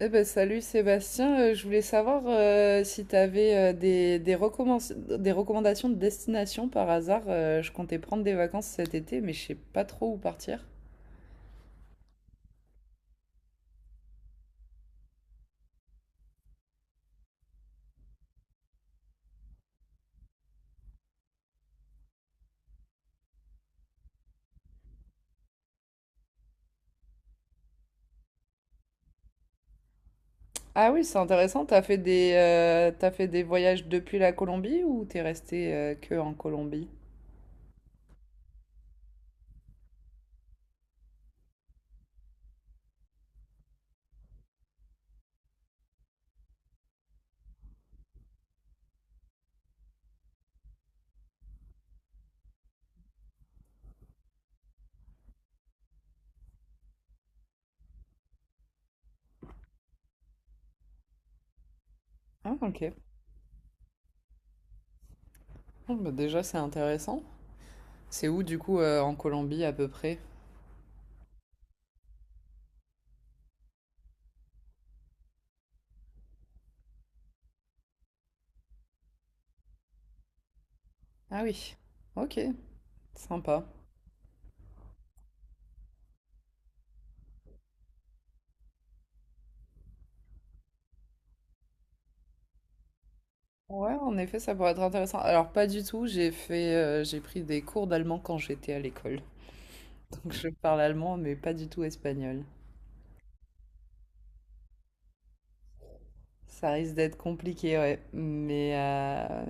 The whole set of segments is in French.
Eh ben, salut Sébastien. Je voulais savoir si tu avais des recommandations de destination par hasard. Je comptais prendre des vacances cet été, mais je sais pas trop où partir. Ah oui, c'est intéressant, t'as fait des voyages depuis la Colombie ou t'es resté que en Colombie? Ah, ok. Bon, bah déjà c'est intéressant. C'est où du coup en Colombie à peu près? Ah oui, ok, sympa. Ouais, en effet, ça pourrait être intéressant. Alors, pas du tout, j'ai pris des cours d'allemand quand j'étais à l'école. Donc, je parle allemand, mais pas du tout espagnol. Ça risque d'être compliqué, ouais. Mais, euh,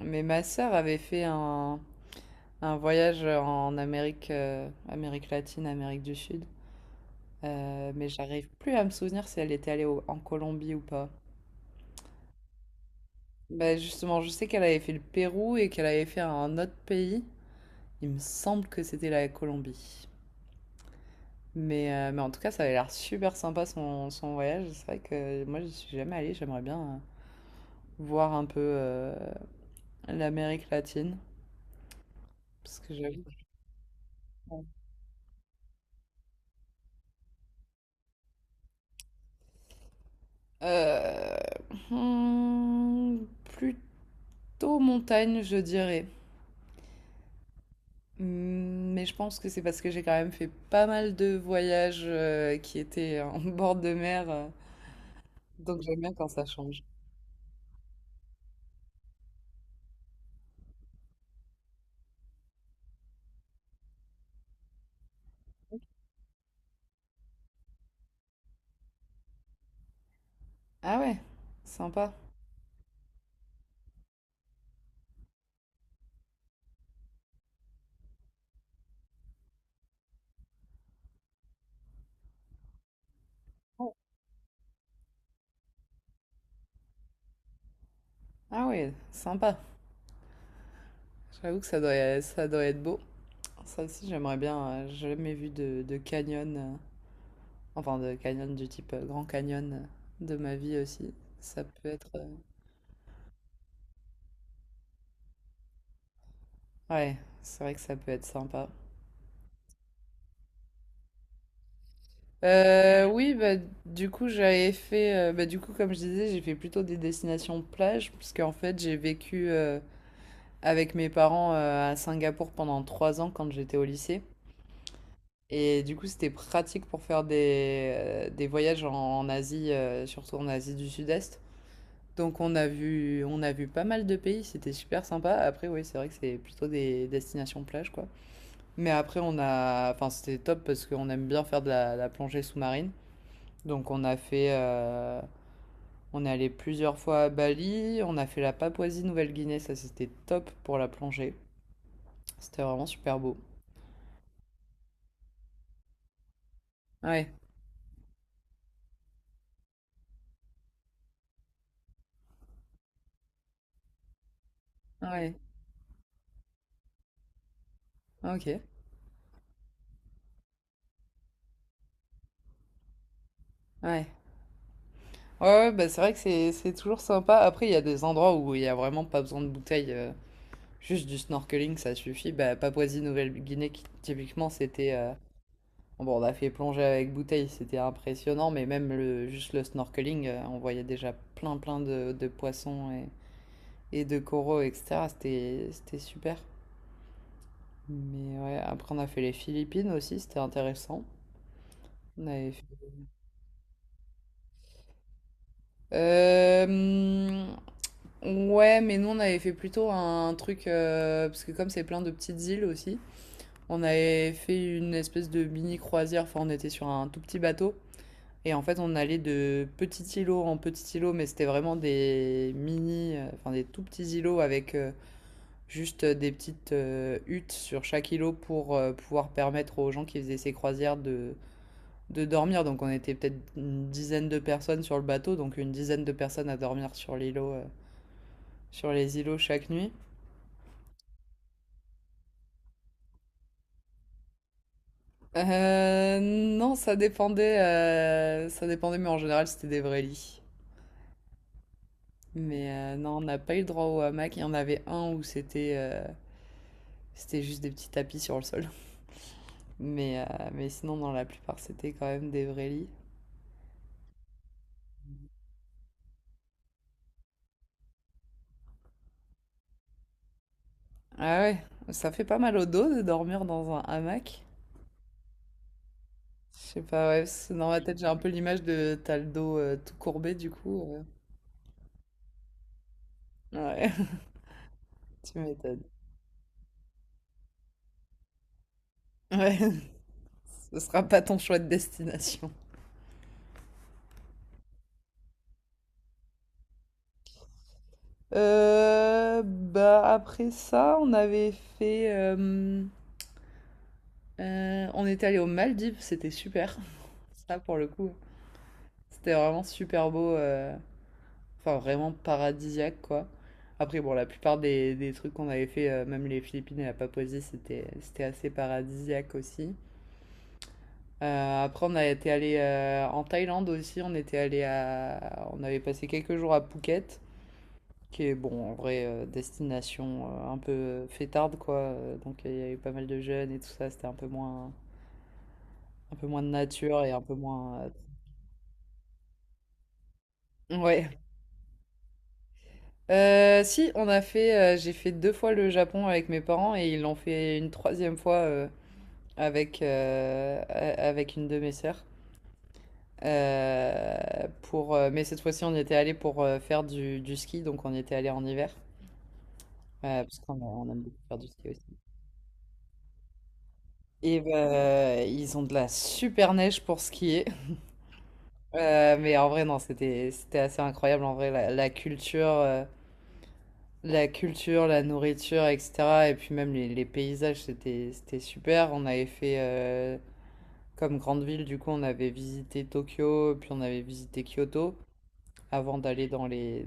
mais ma sœur avait fait un voyage en Amérique latine, Amérique du Sud. Mais j'arrive plus à me souvenir si elle était allée en Colombie ou pas. Bah justement, je sais qu'elle avait fait le Pérou et qu'elle avait fait un autre pays. Il me semble que c'était la Colombie. Mais en tout cas, ça avait l'air super sympa son voyage. C'est vrai que moi, je suis jamais allée. J'aimerais bien voir un peu l'Amérique latine. Parce que j'avoue. Euh, Plutôt montagne, je dirais. Mais je pense que c'est parce que j'ai quand même fait pas mal de voyages qui étaient en bord de mer, donc j'aime bien quand ça change. Ah ouais, sympa. Ah ouais, sympa. J'avoue que ça doit être beau. Ça aussi, j'aimerais bien. J'ai jamais vu de canyon, enfin de canyon du type Grand Canyon de ma vie aussi. Ça peut être. Ouais, c'est vrai que ça peut être sympa. Oui, bah, du coup, j'avais fait. Bah, du coup, comme je disais, j'ai fait plutôt des destinations plage, puisque en fait, j'ai vécu avec mes parents à Singapour pendant 3 ans quand j'étais au lycée. Et du coup, c'était pratique pour faire des voyages en Asie, surtout en Asie du Sud-Est. Donc on a vu pas mal de pays, c'était super sympa. Après oui, c'est vrai que c'est plutôt des destinations plage quoi. Mais après enfin c'était top parce qu'on aime bien faire de la plongée sous-marine. Donc on est allé plusieurs fois à Bali, on a fait la Papouasie-Nouvelle-Guinée, ça c'était top pour la plongée. C'était vraiment super beau. Ouais, ouais, ok, ouais. Ouais, ouais, bah c'est vrai que c'est toujours sympa. Après il y a des endroits où il y a vraiment pas besoin de bouteille. Juste du snorkeling, ça suffit. Bah, Papouasie-Nouvelle-Guinée, typiquement, c'était. Bon, on a fait plonger avec bouteille, c'était impressionnant, mais même juste le snorkeling, on voyait déjà plein de poissons et de coraux, etc. C'était super. Mais ouais, après, on a fait les Philippines aussi, c'était intéressant. On avait fait- Euh, ouais, mais nous, on avait fait plutôt un truc, parce que comme c'est plein de petites îles aussi. On avait fait une espèce de mini croisière, enfin on était sur un tout petit bateau. Et en fait, on allait de petit îlot en petit îlot, mais c'était vraiment enfin des tout petits îlots avec juste des petites huttes sur chaque îlot pour pouvoir permettre aux gens qui faisaient ces croisières de dormir. Donc on était peut-être une dizaine de personnes sur le bateau, donc une dizaine de personnes à dormir sur sur les îlots chaque nuit. Non, ça dépendait, mais en général c'était des vrais lits. Mais non, on n'a pas eu le droit au hamac. Il y en avait un où c'était juste des petits tapis sur le sol. Mais sinon, dans la plupart, c'était quand même des vrais lits. Ah ouais, ça fait pas mal au dos de dormir dans un hamac. Je sais pas, ouais, parce que dans ma tête, j'ai un peu l'image de t'as le dos tout courbé, du coup. Ouais, tu m'étonnes. Ouais, ce sera pas ton choix de destination. Bah après ça, fait... euh, on est allé aux Maldives, c'était super. Ça, pour le coup, c'était vraiment super beau. Enfin, vraiment paradisiaque, quoi. Après, bon, la plupart des trucs qu'on avait fait, même les Philippines et la Papouasie, c'était assez paradisiaque aussi. Après, on a été allé en Thaïlande aussi. On avait passé quelques jours à Phuket, qui est bon, en vrai, destination un peu fêtarde, quoi. Donc, il y avait pas mal de jeunes et tout ça. C'était un peu moins de nature et un peu moins. Ouais. Si, j'ai fait deux fois le Japon avec mes parents et ils l'ont fait une troisième fois avec une de mes sœurs. Euh, mais cette fois-ci, on y était allé pour faire du ski, donc on y était allé en hiver. Parce qu'on aime beaucoup faire du ski aussi. Et bah, ils ont de la super neige pour skier. Mais en vrai, non, c'était assez incroyable. En vrai, la culture. La culture, la nourriture, etc. Et puis même les paysages, c'était super. On avait fait, comme grande ville, du coup, on avait visité Tokyo, puis on avait visité Kyoto avant d'aller dans les,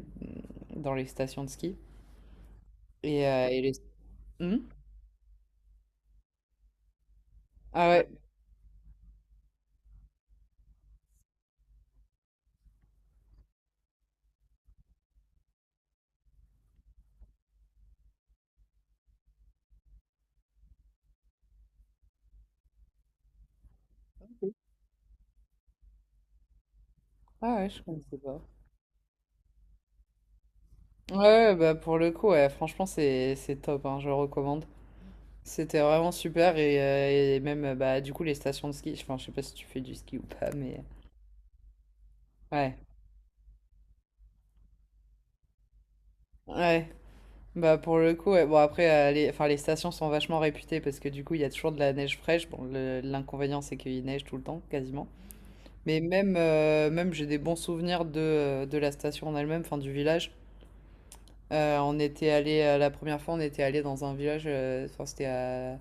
dans les stations de ski. Et, euh, et les... Hmm. Ah ouais, ah ouais, je connaissais pas. Ouais, ouais, bah pour le coup, ouais, franchement, c'est top, hein, je recommande. C'était vraiment super et même, bah, du coup, les stations de ski, enfin, je sais pas si tu fais du ski ou pas, mais. Ouais, ouais. Bah pour le coup, ouais. Bon après, les stations sont vachement réputées parce que du coup, il y a toujours de la neige fraîche. Bon, l'inconvénient, c'est qu'il neige tout le temps, quasiment. Mais même j'ai des bons souvenirs de la station en elle-même, enfin du village. La première fois, on était allé dans un village, enfin c'était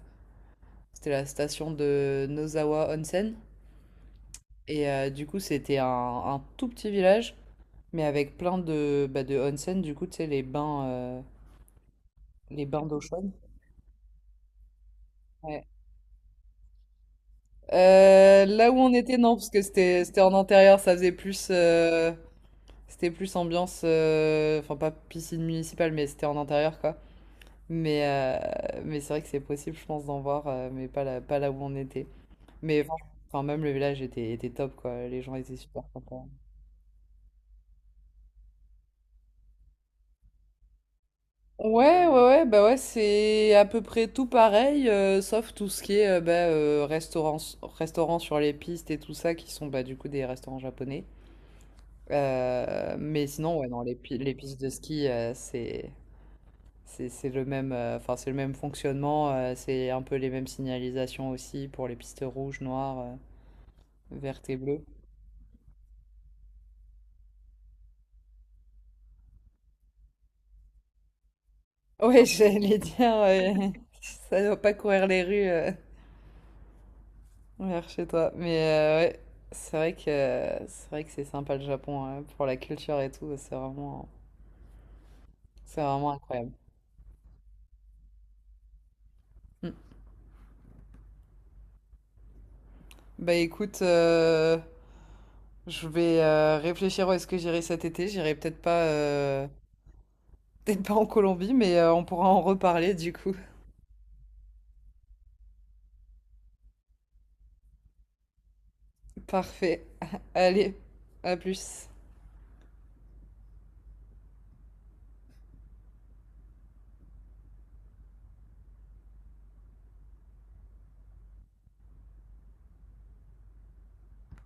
c'était la station de Nozawa Onsen. Du coup, c'était un tout petit village, mais avec plein de, bah, de onsen, du coup, tu sais, les bains d'eau chaude. Ouais. Là où on était, non, parce que c'était en intérieur, ça faisait plus. C'était plus ambiance, enfin pas piscine municipale, mais c'était en intérieur quoi. Mais euh, mais c'est vrai que c'est possible, je pense, d'en voir, mais pas là où on était. Mais enfin, même le village était top quoi, les gens étaient super sympas. Ouais, ouais, ouais, bah ouais, c'est à peu près tout pareil, sauf tout ce qui est bah, restaurants sur les pistes et tout ça, qui sont bah, du coup des restaurants japonais. Mais sinon, ouais, non, les pi les pistes de ski, c'est le même fonctionnement, c'est un peu les mêmes signalisations aussi pour les pistes rouges, noires, vertes et bleues. Ouais, j'allais dire, ça doit pas courir les rues, vers chez toi. Mais ouais, c'est vrai que c'est vrai que c'est sympa le Japon, hein, pour la culture et tout, c'est vraiment incroyable. Mmh. Bah, écoute, je vais, réfléchir où est-ce que j'irai cet été. J'irai peut-être pas, peut-être pas en Colombie, mais on pourra en reparler du coup. Parfait. Allez, à plus.